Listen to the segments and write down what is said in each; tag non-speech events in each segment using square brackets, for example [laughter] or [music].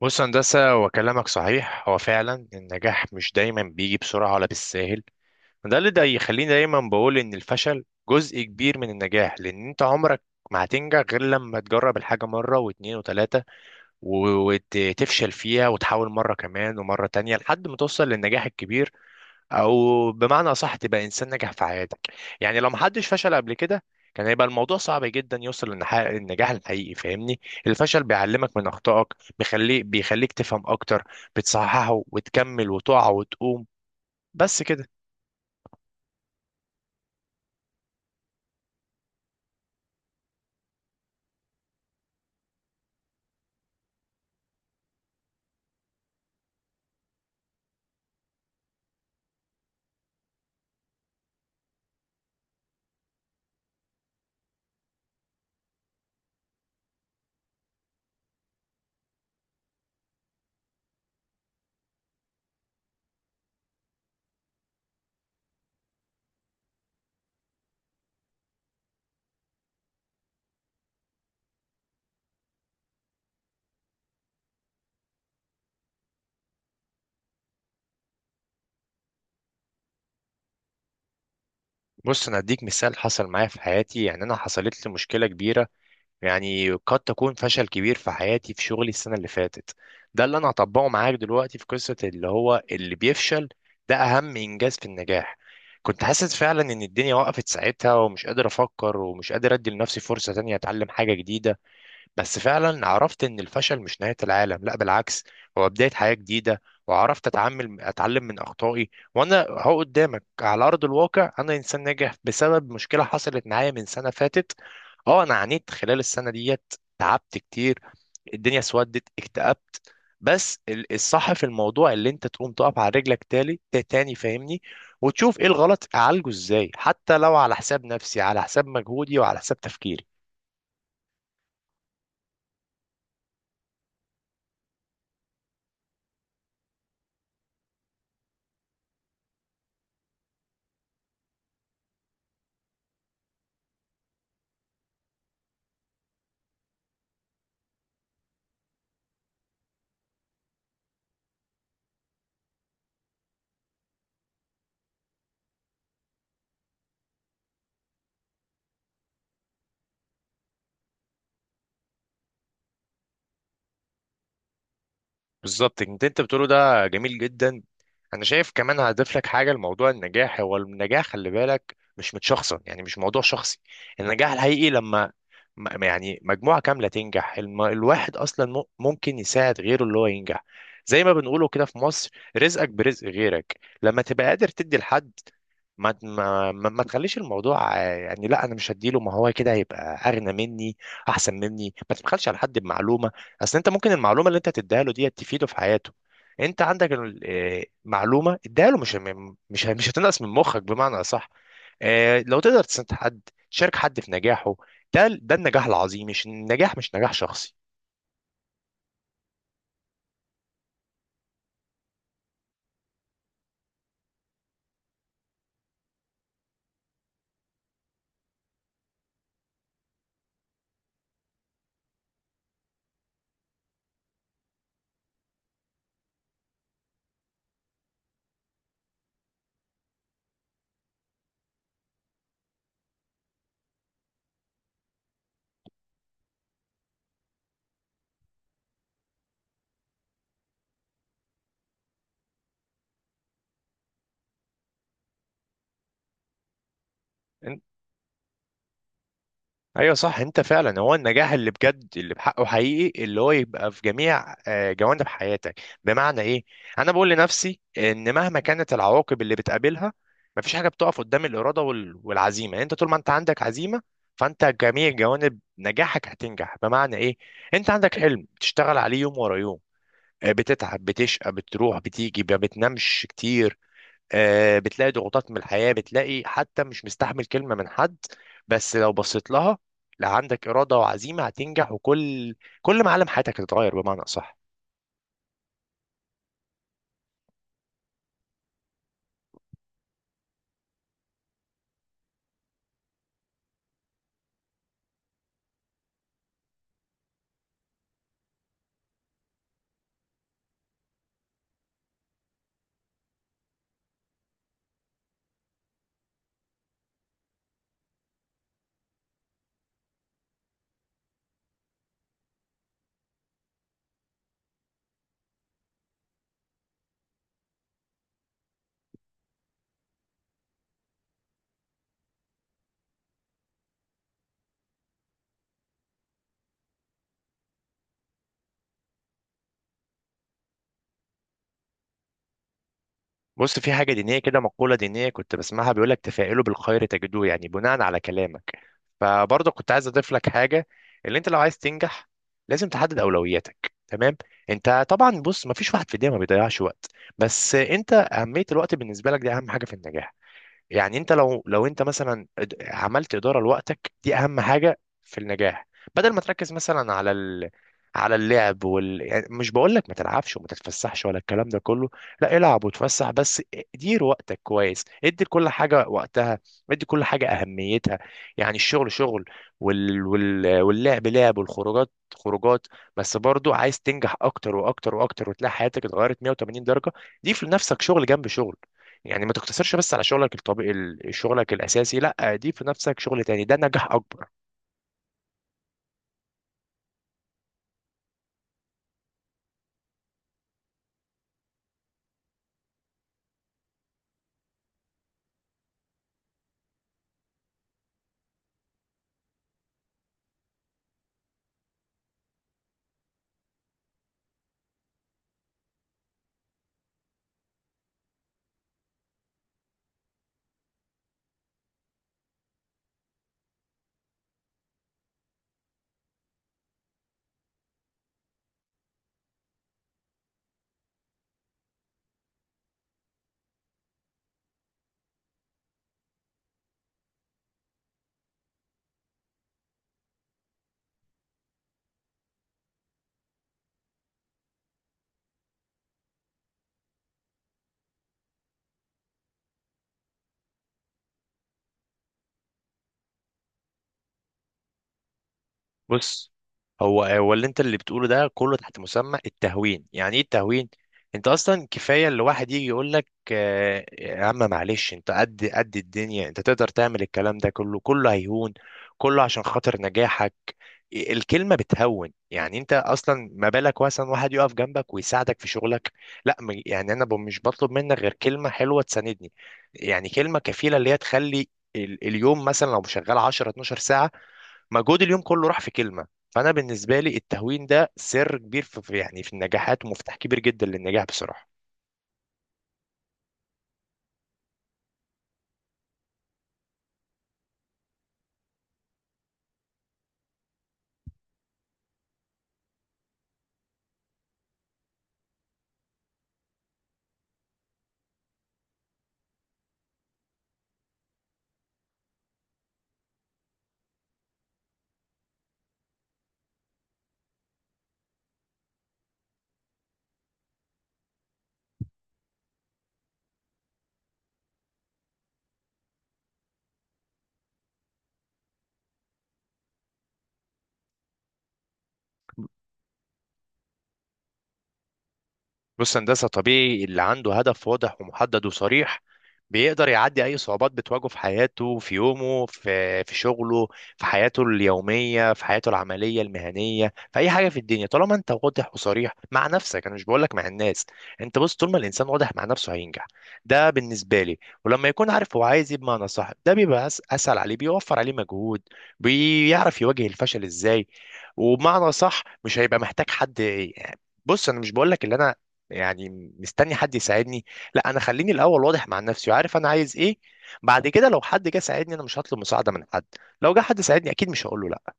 بص يا هندسة، وكلامك صحيح. هو فعلا النجاح مش دايما بيجي بسرعة ولا بالساهل. ده يخليني دايما بقول إن الفشل جزء كبير من النجاح، لأن أنت عمرك ما هتنجح غير لما تجرب الحاجة مرة واتنين وتلاتة وتفشل فيها وتحاول مرة كمان ومرة تانية لحد ما توصل للنجاح الكبير، او بمعنى اصح تبقى انسان ناجح في حياتك. يعني لو محدش فشل قبل كده، كان هيبقى الموضوع صعب جدا يوصل للنجاح الحقيقي. فاهمني؟ الفشل بيعلمك من اخطائك، بيخليك تفهم اكتر، بتصححه وتكمل وتقع وتقوم. بس كده. بص، انا اديك مثال حصل معايا في حياتي. يعني انا حصلت لي مشكله كبيره، يعني قد تكون فشل كبير في حياتي في شغلي السنة اللي فاتت. ده اللي أنا هطبقه معاك دلوقتي في قصة اللي هو اللي بيفشل، ده أهم إنجاز في النجاح. كنت حاسس فعلا إن الدنيا وقفت ساعتها، ومش قادر أفكر ومش قادر أدي لنفسي فرصة تانية أتعلم حاجة جديدة. بس فعلا عرفت ان الفشل مش نهاية العالم، لا بالعكس، هو بداية حياة جديدة. وعرفت اتعامل، اتعلم من اخطائي، وانا اهو قدامك على ارض الواقع، انا انسان ناجح بسبب مشكلة حصلت معايا من سنة فاتت. اه، انا عانيت خلال السنة ديت، تعبت كتير، الدنيا اسودت، اكتئبت. بس الصح في الموضوع اللي انت تقوم تقف على رجلك تاني. فاهمني؟ وتشوف ايه الغلط، اعالجه ازاي، حتى لو على حساب نفسي، على حساب مجهودي، وعلى حساب تفكيري. بالظبط، انت بتقوله ده جميل جدا. انا شايف كمان هضيف لك حاجه لموضوع النجاح. هو النجاح خلي بالك مش متشخصن، يعني مش موضوع شخصي. النجاح الحقيقي لما يعني مجموعه كامله تنجح. الواحد اصلا ممكن يساعد غيره اللي هو ينجح. زي ما بنقوله كده في مصر، رزقك برزق غيرك. لما تبقى قادر تدي لحد، ما تخليش الموضوع يعني لا، انا مش هديله، ما هو كده هيبقى اغنى مني، احسن مني. ما تبخلش على حد بمعلومه. اصل انت ممكن المعلومه اللي انت تديها له دي تفيده في حياته. انت عندك معلومه اديها له، مش هتنقص من مخك بمعنى اصح. لو تقدر تساعد حد، تشارك حد في نجاحه، ده النجاح العظيم. مش النجاح، مش نجاح شخصي. ايوه صح. انت فعلا هو النجاح اللي بجد، اللي بحقه حقيقي، اللي هو يبقى في جميع جوانب حياتك. بمعنى ايه؟ انا بقول لنفسي ان مهما كانت العواقب اللي بتقابلها، مفيش حاجه بتقف قدام الاراده والعزيمه. يعني انت طول ما انت عندك عزيمه، فانت جميع جوانب نجاحك هتنجح. بمعنى ايه؟ انت عندك حلم بتشتغل عليه يوم ورا يوم، بتتعب، بتشقى، بتروح بتيجي، ما بتنامش كتير. بتلاقي ضغوطات من الحياة، بتلاقي حتى مش مستحمل كلمة من حد. بس لو بصيت لها، لا، عندك إرادة وعزيمة، هتنجح. وكل معالم حياتك هتتغير بمعنى أصح. بص، في حاجة دينية كده، مقولة دينية كنت بسمعها، بيقولك تفائلوا بالخير تجدوه. يعني بناء على كلامك، فبرضه كنت عايز أضيف لك حاجة. اللي أنت لو عايز تنجح، لازم تحدد أولوياتك. تمام؟ أنت طبعا، بص، مفيش واحد في الدنيا ما بيضيعش وقت، بس أنت أهمية الوقت بالنسبة لك دي أهم حاجة في النجاح. يعني انت لو انت مثلا عملت اداره لوقتك، دي اهم حاجه في النجاح. بدل ما تركز مثلا على اللعب يعني مش بقول لك ما تلعبش وما تتفسحش ولا الكلام ده كله. لا، العب وتفسح، بس دير وقتك كويس. ادي كل حاجه وقتها، ادي كل حاجه اهميتها. يعني الشغل شغل، واللعب لعب، والخروجات خروجات. بس برضو عايز تنجح اكتر واكتر واكتر، وتلاقي حياتك اتغيرت 180 درجه. دي في نفسك شغل جنب شغل. يعني ما تقتصرش بس على شغلك الطبيعي، شغلك الاساسي. لا، ضيف في نفسك شغل تاني، ده نجاح اكبر. بص، هو اللي بتقوله ده كله تحت مسمى التهوين. يعني ايه التهوين؟ انت اصلا كفايه اللي واحد يجي يقول لك يا عم معلش، انت قد الدنيا، انت تقدر تعمل الكلام ده كله، كله هيهون، كله عشان خاطر نجاحك. الكلمة بتهون، يعني انت اصلا ما بالك مثلا واحد يقف جنبك ويساعدك في شغلك. لا، يعني انا مش بطلب منك غير كلمة حلوة تساندني. يعني كلمة كفيلة اللي هي تخلي اليوم مثلا لو شغال 10 12 ساعة، مجهود اليوم كله راح في كلمة. فانا بالنسبة لي التهوين ده سر كبير في يعني في النجاحات، ومفتاح كبير جدا للنجاح بصراحة. بص، هندسة، طبيعي اللي عنده هدف واضح ومحدد وصريح بيقدر يعدي أي صعوبات بتواجهه في حياته، في يومه، في شغله، في حياته اليومية، في حياته العملية المهنية، في أي حاجة في الدنيا. طالما أنت واضح وصريح مع نفسك، أنا مش بقولك مع الناس، أنت بص، طول ما الإنسان واضح مع نفسه هينجح. ده بالنسبة لي. ولما يكون عارف هو عايز إيه بمعنى صح، ده بيبقى أسهل عليه، بيوفر عليه مجهود. بيعرف يواجه الفشل إزاي، وبمعنى صح مش هيبقى محتاج حد، يعني. بص، انا مش بقول لك اللي انا يعني مستني حد يساعدني. لا، انا خليني الاول واضح مع نفسي وعارف انا عايز ايه. بعد كده لو حد جه ساعدني، انا مش هطلب مساعده من حد. لو جه حد ساعدني، اكيد مش هقول له لا.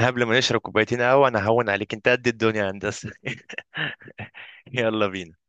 قبل ما نشرب كوبايتين قهوه، انا هون عليك، انت قد الدنيا يا هندسه. [laughs] يلا بينا.